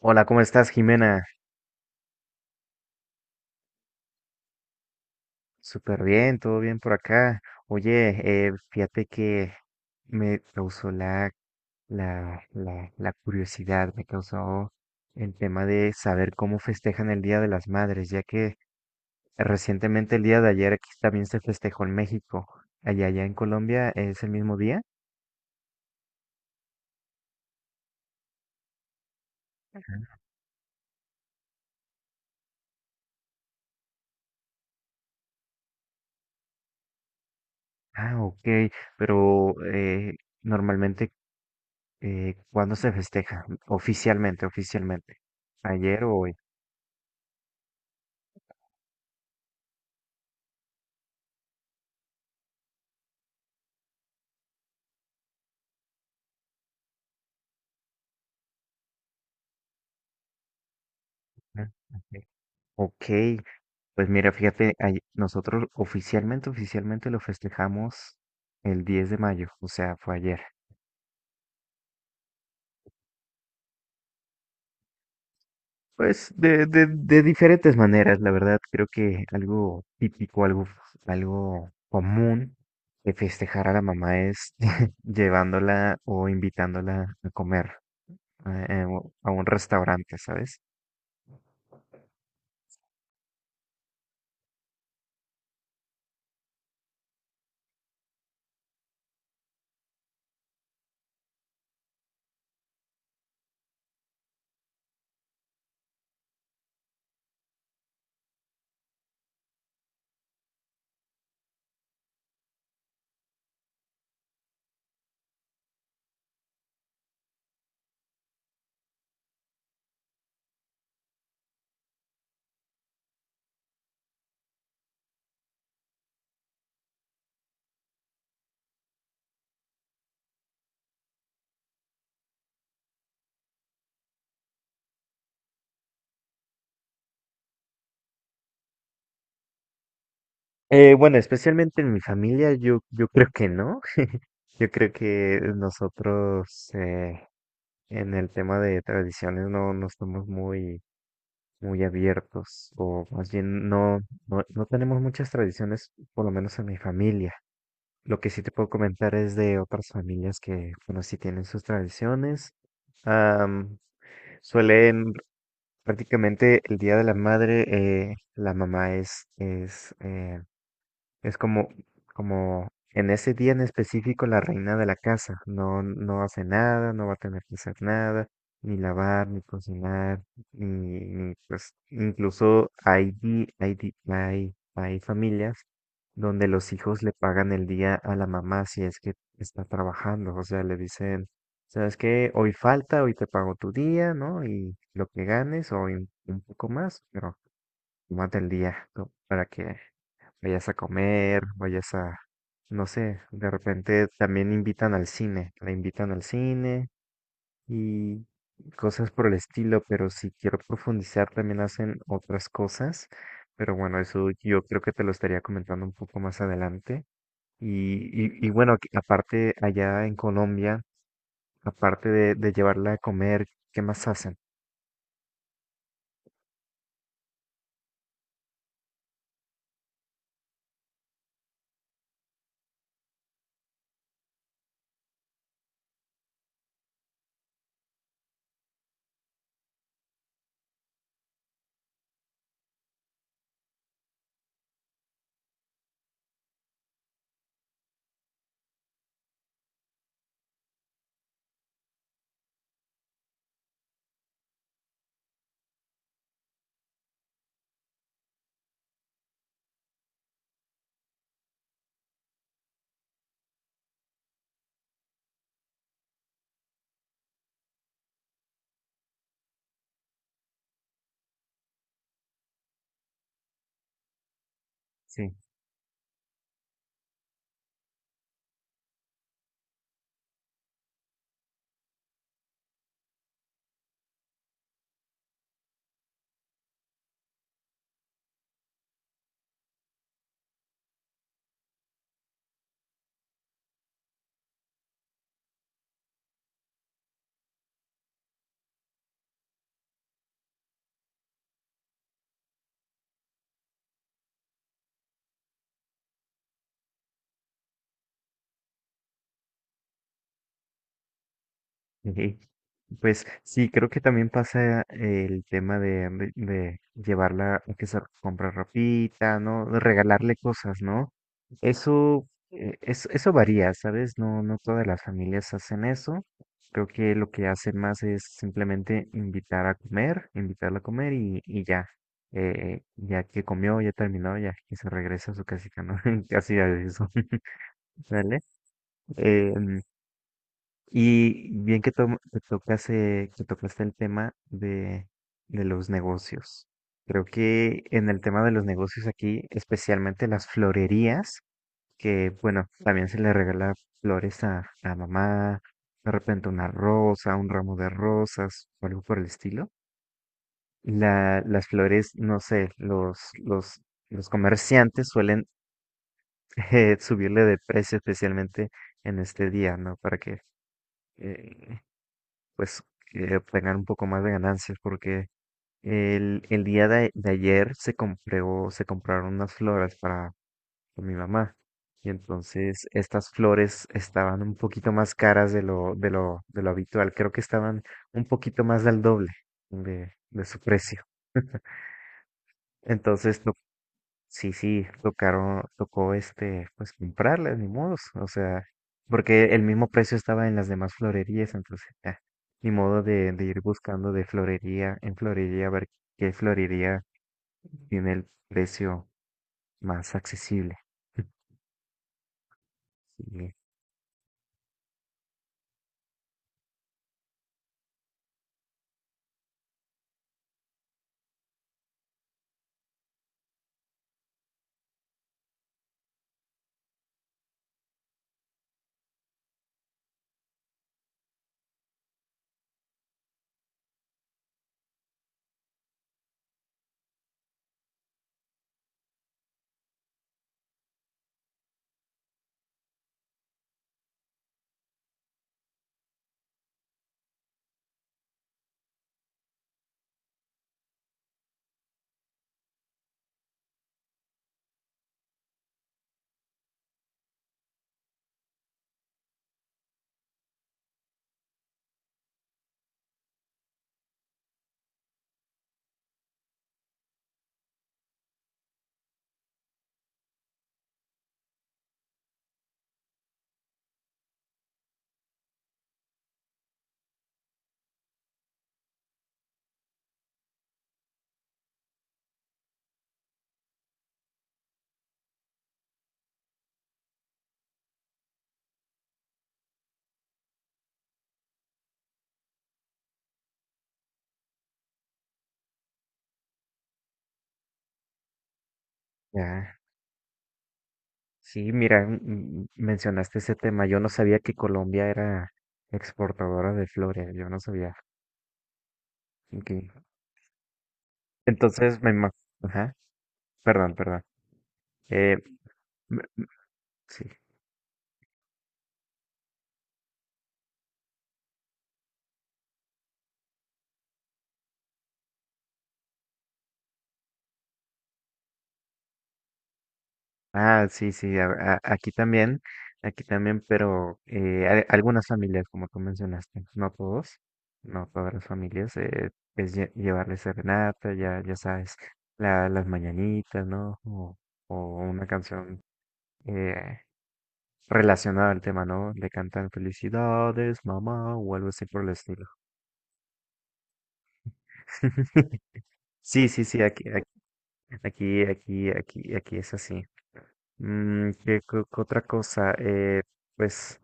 Hola, ¿cómo estás, Jimena? Súper bien, todo bien por acá. Oye, fíjate que me causó la curiosidad, me causó el tema de saber cómo festejan el Día de las Madres, ya que recientemente el día de ayer aquí también se festejó en México. Allá en Colombia es el mismo día. Ah, ok, pero normalmente, ¿cuándo se festeja? Oficialmente, oficialmente. ¿Ayer o hoy? Ah, ok. Ok, pues mira, fíjate, nosotros oficialmente, oficialmente lo festejamos el 10 de mayo, o sea, fue ayer. Pues de diferentes maneras, la verdad, creo que algo típico, algo, algo común de festejar a la mamá es llevándola o invitándola a comer a un restaurante, ¿sabes? Bueno, especialmente en mi familia, yo creo que no. Yo creo que nosotros, en el tema de tradiciones no estamos muy abiertos, o más bien no tenemos muchas tradiciones, por lo menos en mi familia. Lo que sí te puedo comentar es de otras familias que, bueno, sí tienen sus tradiciones. Am, suelen prácticamente el Día de la Madre, la mamá es, es como, como en ese día en específico la reina de la casa no, no hace nada, no va a tener que hacer nada, ni lavar, ni cocinar, ni, ni, pues incluso hay familias donde los hijos le pagan el día a la mamá si es que está trabajando, o sea, le dicen, ¿sabes qué? Hoy falta, hoy te pago tu día, ¿no? Y lo que ganes o un poco más, pero más del día, ¿no? Para que vayas a comer, no sé, de repente también invitan al cine, la invitan al cine y cosas por el estilo, pero si quiero profundizar también hacen otras cosas, pero bueno, eso yo creo que te lo estaría comentando un poco más adelante. Y, y bueno, que aparte allá en Colombia, aparte de llevarla a comer, ¿qué más hacen? Sí. Ujú. Pues sí, creo que también pasa el tema de, de llevarla a que se comprar ropita, ¿no? De regalarle cosas, ¿no? Eso, eso varía, ¿sabes? No, no todas las familias hacen eso. Creo que lo que hacen más es simplemente invitar a comer, invitarla a comer y ya. Ya que comió, ya terminó, ya que se regresa a su casita, ¿no? Casi a eso, ¿vale? Em, y bien que, to que tocaste el tema de los negocios. Creo que en el tema de los negocios aquí, especialmente las florerías, que bueno, también se le regala flores a la mamá, de repente una rosa, un ramo de rosas o algo por el estilo. Las flores, no sé, los comerciantes suelen subirle de precio especialmente en este día, ¿no? Para que eh, pues obtengan un poco más de ganancias porque el día de ayer se compró, se compraron unas flores para mi mamá y entonces estas flores estaban un poquito más caras de de lo habitual, creo que estaban un poquito más del doble de su precio. Entonces, sí, sí, tocaron, tocó este, pues comprarlas, ni modos, o sea, porque el mismo precio estaba en las demás florerías, entonces, ah, ni modo de ir buscando de florería en florería, a ver qué florería tiene el precio más accesible. Sí, ya, sí, mira, mencionaste ese tema, yo no sabía que Colombia era exportadora de flores, yo no sabía. Ok. Entonces, ajá, perdón, perdón. Eh, me- sí. Ah, sí, sí, aquí también, pero algunas familias, como tú mencionaste, no todos, no todas las familias, es llevarles serenata, ya, ya sabes, las mañanitas, ¿no? O una canción eh, relacionada al tema, ¿no? Le cantan felicidades, mamá, o algo así por el estilo. Sí, sí, sí, aquí es así. Mm, ¿qué, otra cosa? Pues.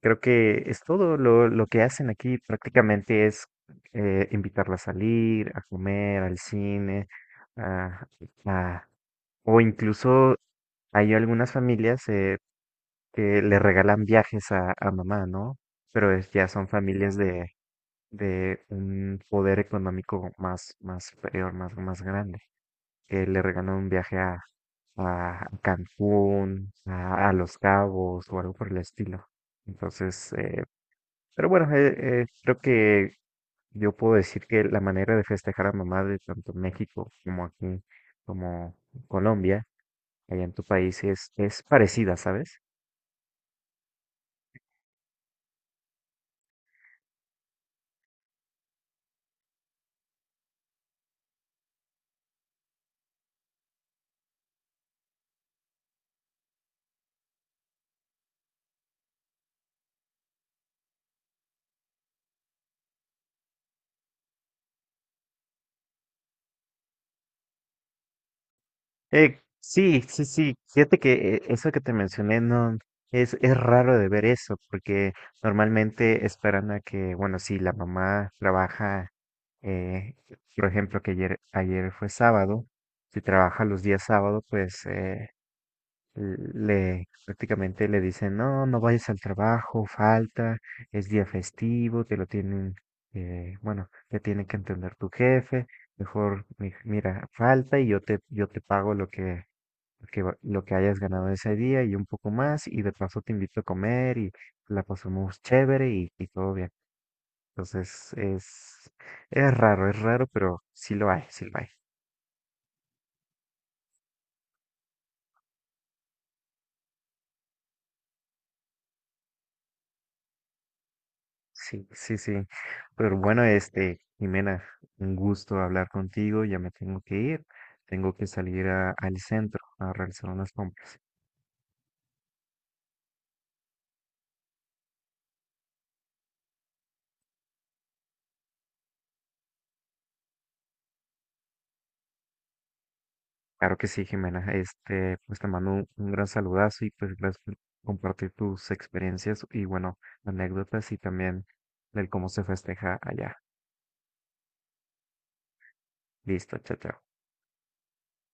Creo que es todo lo que hacen aquí prácticamente es invitarla a salir, a comer, al cine, a- a- o incluso hay algunas familias que le regalan viajes a mamá, ¿no? Pero ya son familias de un poder económico más, más superior, más, más grande, que le regalan un viaje a Cancún, a Los Cabos o algo por el estilo. Entonces, pero bueno, creo que yo puedo decir que la manera de festejar a mamá de tanto México como aquí, como Colombia, allá en tu país, es parecida, ¿sabes? Sí, sí, sí. Fíjate que eso que te mencioné no es, es raro de ver eso, porque normalmente esperan a que, bueno, si la mamá trabaja, eh, por ejemplo, que ayer, ayer fue sábado, si trabaja los días sábado, pues le prácticamente le dicen, no, no vayas al trabajo, falta, es día festivo, te lo tienen, bueno, te tiene que entender tu jefe, mejor mira, falta y yo te pago lo que hayas ganado ese día y un poco más, y de paso te invito a comer y la pasamos chévere y todo bien. Entonces es raro, pero sí lo hay, sí lo hay. Sí, sí, sí. Pero bueno, este, Jimena, un gusto hablar contigo. Ya me tengo que ir. Tengo que salir al centro a realizar unas compras. Claro que sí, Jimena. Este, pues te mando un gran saludazo y pues gracias por compartir tus experiencias y bueno, anécdotas y también del cómo se festeja allá. Listo, chao, chao.